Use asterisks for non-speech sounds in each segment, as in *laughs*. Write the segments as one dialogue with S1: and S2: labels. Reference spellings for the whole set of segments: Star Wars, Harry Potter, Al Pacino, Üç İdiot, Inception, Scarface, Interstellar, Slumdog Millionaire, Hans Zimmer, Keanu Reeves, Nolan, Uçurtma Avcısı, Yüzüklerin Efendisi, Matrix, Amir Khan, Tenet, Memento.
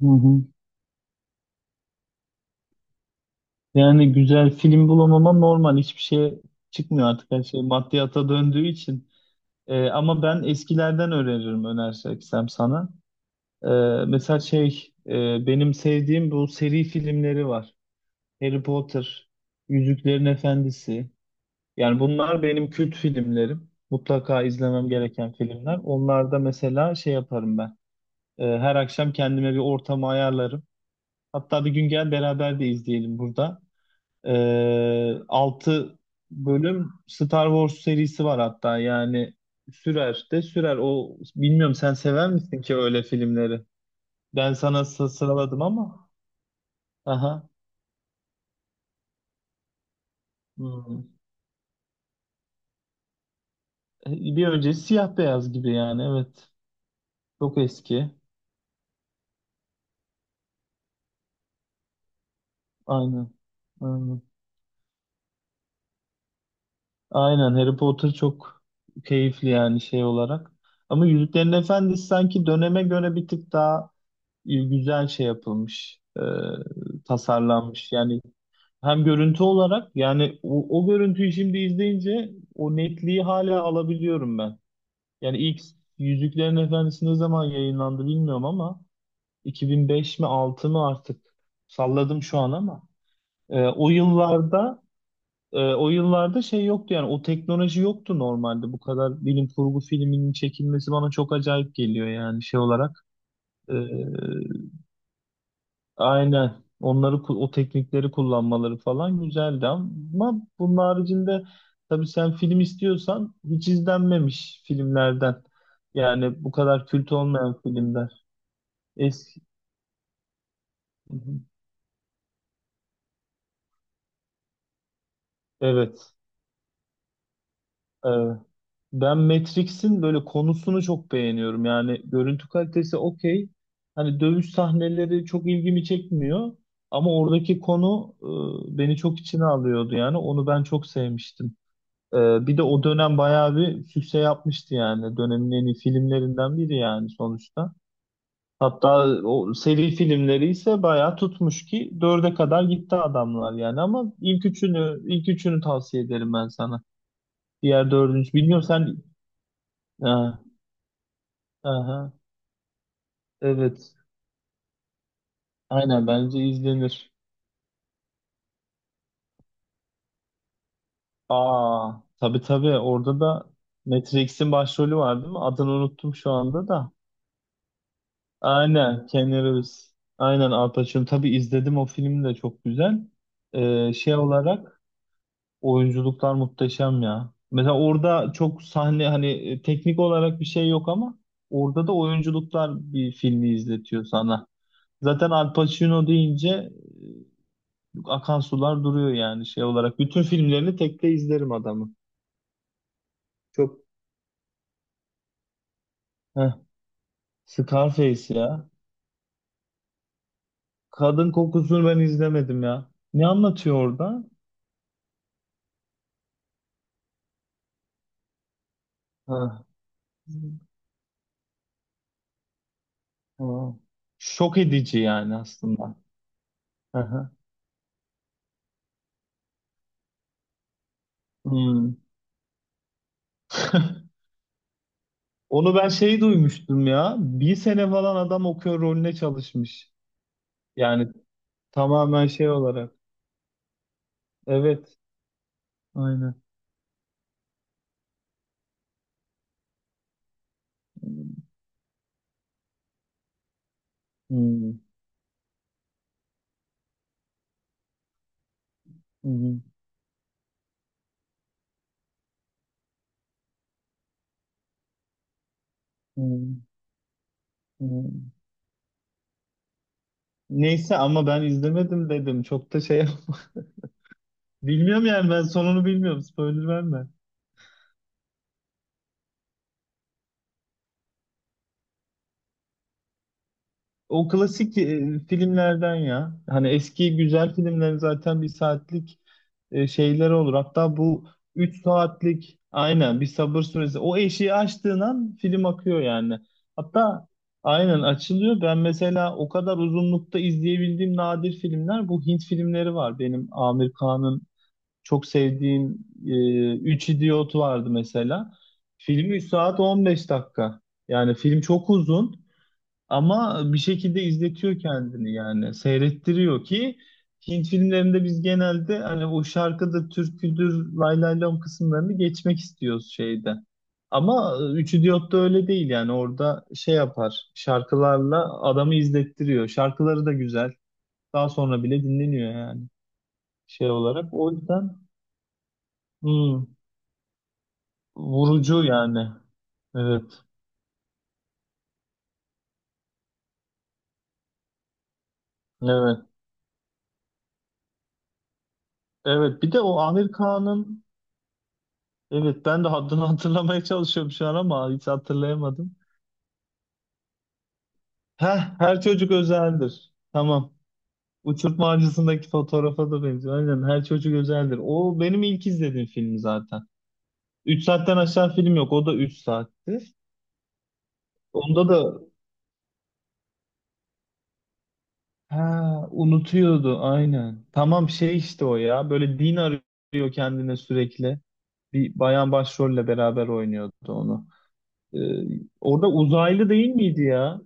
S1: Hı hı. Yani güzel film bulamama normal. Hiçbir şey çıkmıyor artık her şey maddiyata döndüğü için. Ama ben eskilerden öneririm önerseksem sana. Ee, mesela benim sevdiğim bu seri filmleri var. Harry Potter, Yüzüklerin Efendisi. Yani bunlar benim kült filmlerim. Mutlaka izlemem gereken filmler. Onlarda mesela şey yaparım ben. Her akşam kendime bir ortamı ayarlarım. Hatta bir gün gel beraber de izleyelim burada. Altı bölüm Star Wars serisi var hatta yani sürer de sürer. O bilmiyorum sen sever misin ki öyle filmleri? Ben sana sıraladım ama. Aha. Hmm. Bir öncesi siyah beyaz gibi yani evet. Çok eski. Aynen. Aynen. Aynen, Harry Potter çok keyifli yani şey olarak. Ama Yüzüklerin Efendisi sanki döneme göre bir tık daha güzel şey yapılmış. Tasarlanmış. Yani hem görüntü olarak yani o görüntüyü şimdi izleyince o netliği hala alabiliyorum ben. Yani ilk Yüzüklerin Efendisi ne zaman yayınlandı bilmiyorum ama 2005 mi 6 mı artık salladım şu an ama e, o yıllarda o yıllarda şey yoktu yani o teknoloji yoktu, normalde bu kadar bilim kurgu filminin çekilmesi bana çok acayip geliyor yani şey olarak. e, Aynen. Onları o teknikleri kullanmaları falan güzeldi, ama bunun haricinde tabii sen film istiyorsan hiç izlenmemiş filmlerden. Yani bu kadar kült olmayan filmler. Eski. Hı hı. Evet. Ee, Ben Matrix'in böyle konusunu çok beğeniyorum. Yani görüntü kalitesi okey. Hani dövüş sahneleri çok ilgimi çekmiyor ama oradaki konu beni çok içine alıyordu yani. Onu ben çok sevmiştim. Bir de o dönem bayağı bir sükse yapmıştı yani. Dönemin en iyi filmlerinden biri yani sonuçta. Hatta o seri filmleri ise bayağı tutmuş ki dörde kadar gitti adamlar yani, ama ilk üçünü ilk üçünü tavsiye ederim ben sana. Diğer dördüncü bilmiyorum sen. Ha, aha, evet, aynen, bence izlenir. Aa, tabii orada da Matrix'in başrolü var değil mi? Adını unuttum şu anda da. Aynen Keanu Reeves. Aynen Al Pacino. Tabii izledim, o film de çok güzel. Şey olarak Oyunculuklar muhteşem ya. Mesela orada çok sahne hani teknik olarak bir şey yok, ama orada da oyunculuklar bir filmi izletiyor sana. Zaten Al Pacino deyince akan sular duruyor yani şey olarak. Bütün filmlerini tekte izlerim adamı. Çok. Heh, Scarface ya. Kadın kokusunu ben izlemedim ya. Ne anlatıyor orada? Heh. Hı. Şok edici yani aslında. Hı hı. Hmm. *laughs* Onu ben şey duymuştum ya. Bir sene falan adam okuyor rolüne çalışmış. Yani tamamen şey olarak. Evet. Aynen. Hmm. Hmm. Hmm. Hmm. Neyse ama ben izlemedim dedim. Çok da şey. *laughs* Bilmiyorum yani ben sonunu bilmiyorum. Spoiler verme. O klasik filmlerden ya. Hani eski güzel filmlerin zaten bir saatlik şeyleri olur. Hatta bu 3 saatlik aynen bir sabır süresi. O eşiği aştığın an film akıyor yani. Hatta aynen açılıyor. Ben mesela o kadar uzunlukta izleyebildiğim nadir filmler bu Hint filmleri var. Benim Amir Khan'ın çok sevdiğim Üç İdiot vardı mesela. Film 3 saat 15 dakika. Yani film çok uzun. Ama bir şekilde izletiyor kendini yani seyrettiriyor ki Hint filmlerinde biz genelde hani o şarkıdır, türküdür, lay lay lom kısımlarını geçmek istiyoruz şeyde. Ama Üç Diyot'ta öyle değil yani orada şey yapar şarkılarla adamı izlettiriyor. Şarkıları da güzel. Daha sonra bile dinleniyor yani şey olarak. O yüzden hmm, vurucu yani. Evet. Evet. Evet. Bir de o Amir Kağan'ın. Evet ben de haddini *laughs* hatırlamaya çalışıyorum şu an ama hiç hatırlayamadım. Heh, her çocuk özeldir. Tamam. Uçurtma Avcısı'ndaki fotoğrafa da benziyor. Aynen her çocuk özeldir. O benim ilk izlediğim film zaten. 3 saatten aşağı film yok. O da 3 saatti. Onda da ha, unutuyordu aynen. Tamam şey işte o ya. Böyle din arıyor kendine sürekli. Bir bayan başrolle beraber oynuyordu onu. Ee, Orada uzaylı değil miydi ya?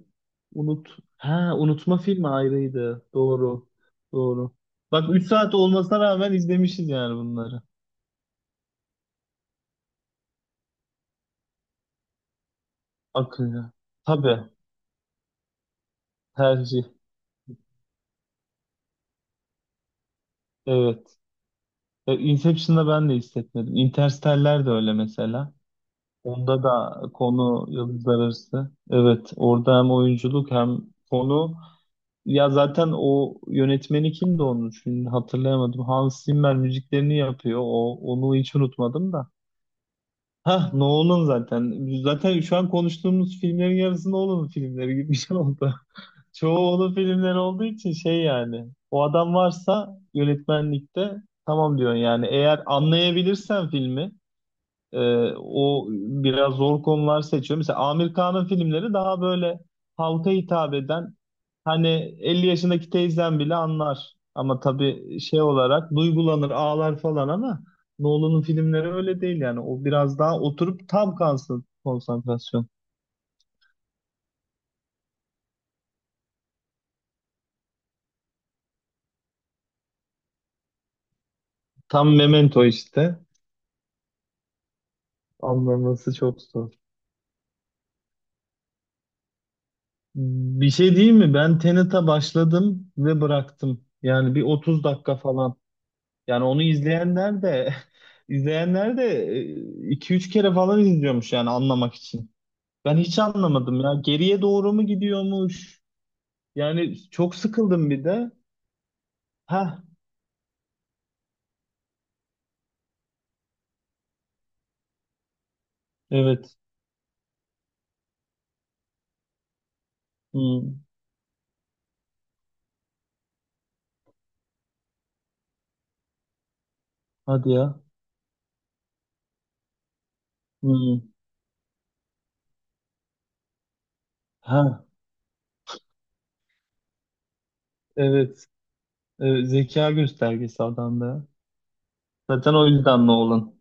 S1: Unut. Ha, unutma filmi ayrıydı. Doğru. Doğru. Bak 3 saat olmasına rağmen izlemişiz yani bunları. Akıllı. Tabii. Tercih. Evet. Inception'da ben de hissetmedim. Interstellar de öyle mesela. Onda da konu yıldızlar arası. Evet. Orada hem oyunculuk hem konu. Ya zaten o yönetmeni kimdi onun? Şimdi hatırlayamadım. Hans Zimmer müziklerini yapıyor. Onu hiç unutmadım da. Ha, Nolan zaten. Zaten şu an konuştuğumuz filmlerin yarısı Nolan'ın filmleri gibi *laughs* bir şey oldu. *laughs* Çoğu onun filmleri olduğu için şey yani. O adam varsa yönetmenlikte tamam diyorsun yani. Eğer anlayabilirsen filmi o biraz zor konular seçiyor. Mesela Amir Kağan'ın filmleri daha böyle halka hitap eden, hani 50 yaşındaki teyzem bile anlar. Ama tabii şey olarak duygulanır, ağlar falan ama Nolan'ın filmleri öyle değil yani. O biraz daha oturup tam kalsın konsantrasyon. Tam Memento işte. Anlaması çok zor. Bir şey değil mi? Ben Tenet'e başladım ve bıraktım. Yani bir 30 dakika falan. Yani onu izleyenler de *laughs* izleyenler de 2-3 kere falan izliyormuş yani anlamak için. Ben hiç anlamadım ya. Geriye doğru mu gidiyormuş? Yani çok sıkıldım bir de. Ha, evet. Hmm, hadi ya. Hmm, ha, evet. Evet, zeka göstergesi adamda. Zaten o yüzden Nolan.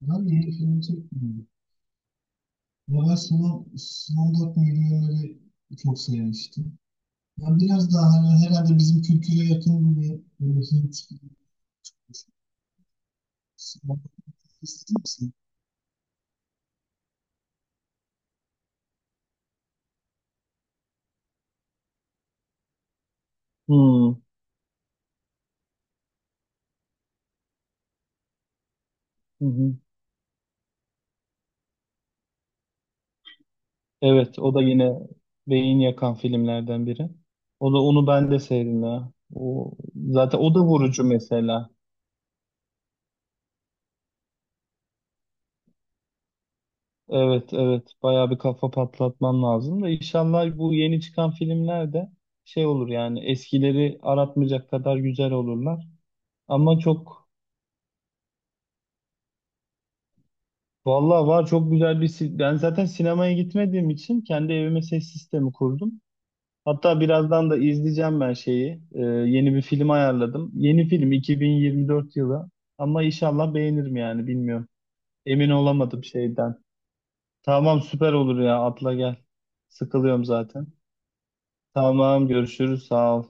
S1: Ben yeni film çekmiyorum. Ama ben Slumdog Millionaire'i çok sevmiştim. Ya biraz daha hani herhalde bizim kültüre yakın bir böyle Hint gibi ister misin? Hmm, hı hı. Evet, o da yine beyin yakan filmlerden biri. O da onu ben de sevdim ya. O zaten o da vurucu mesela. Evet, evet. Bayağı bir kafa patlatman lazım da inşallah bu yeni çıkan filmler de şey olur yani eskileri aratmayacak kadar güzel olurlar. Ama çok vallahi var çok güzel bir ben zaten sinemaya gitmediğim için kendi evime ses sistemi kurdum. Hatta birazdan da izleyeceğim ben şeyi. Yeni bir film ayarladım. Yeni film 2024 yılı ama inşallah beğenirim yani bilmiyorum. Emin olamadım şeyden. Tamam süper olur ya atla gel. Sıkılıyorum zaten. Tamam görüşürüz sağ ol.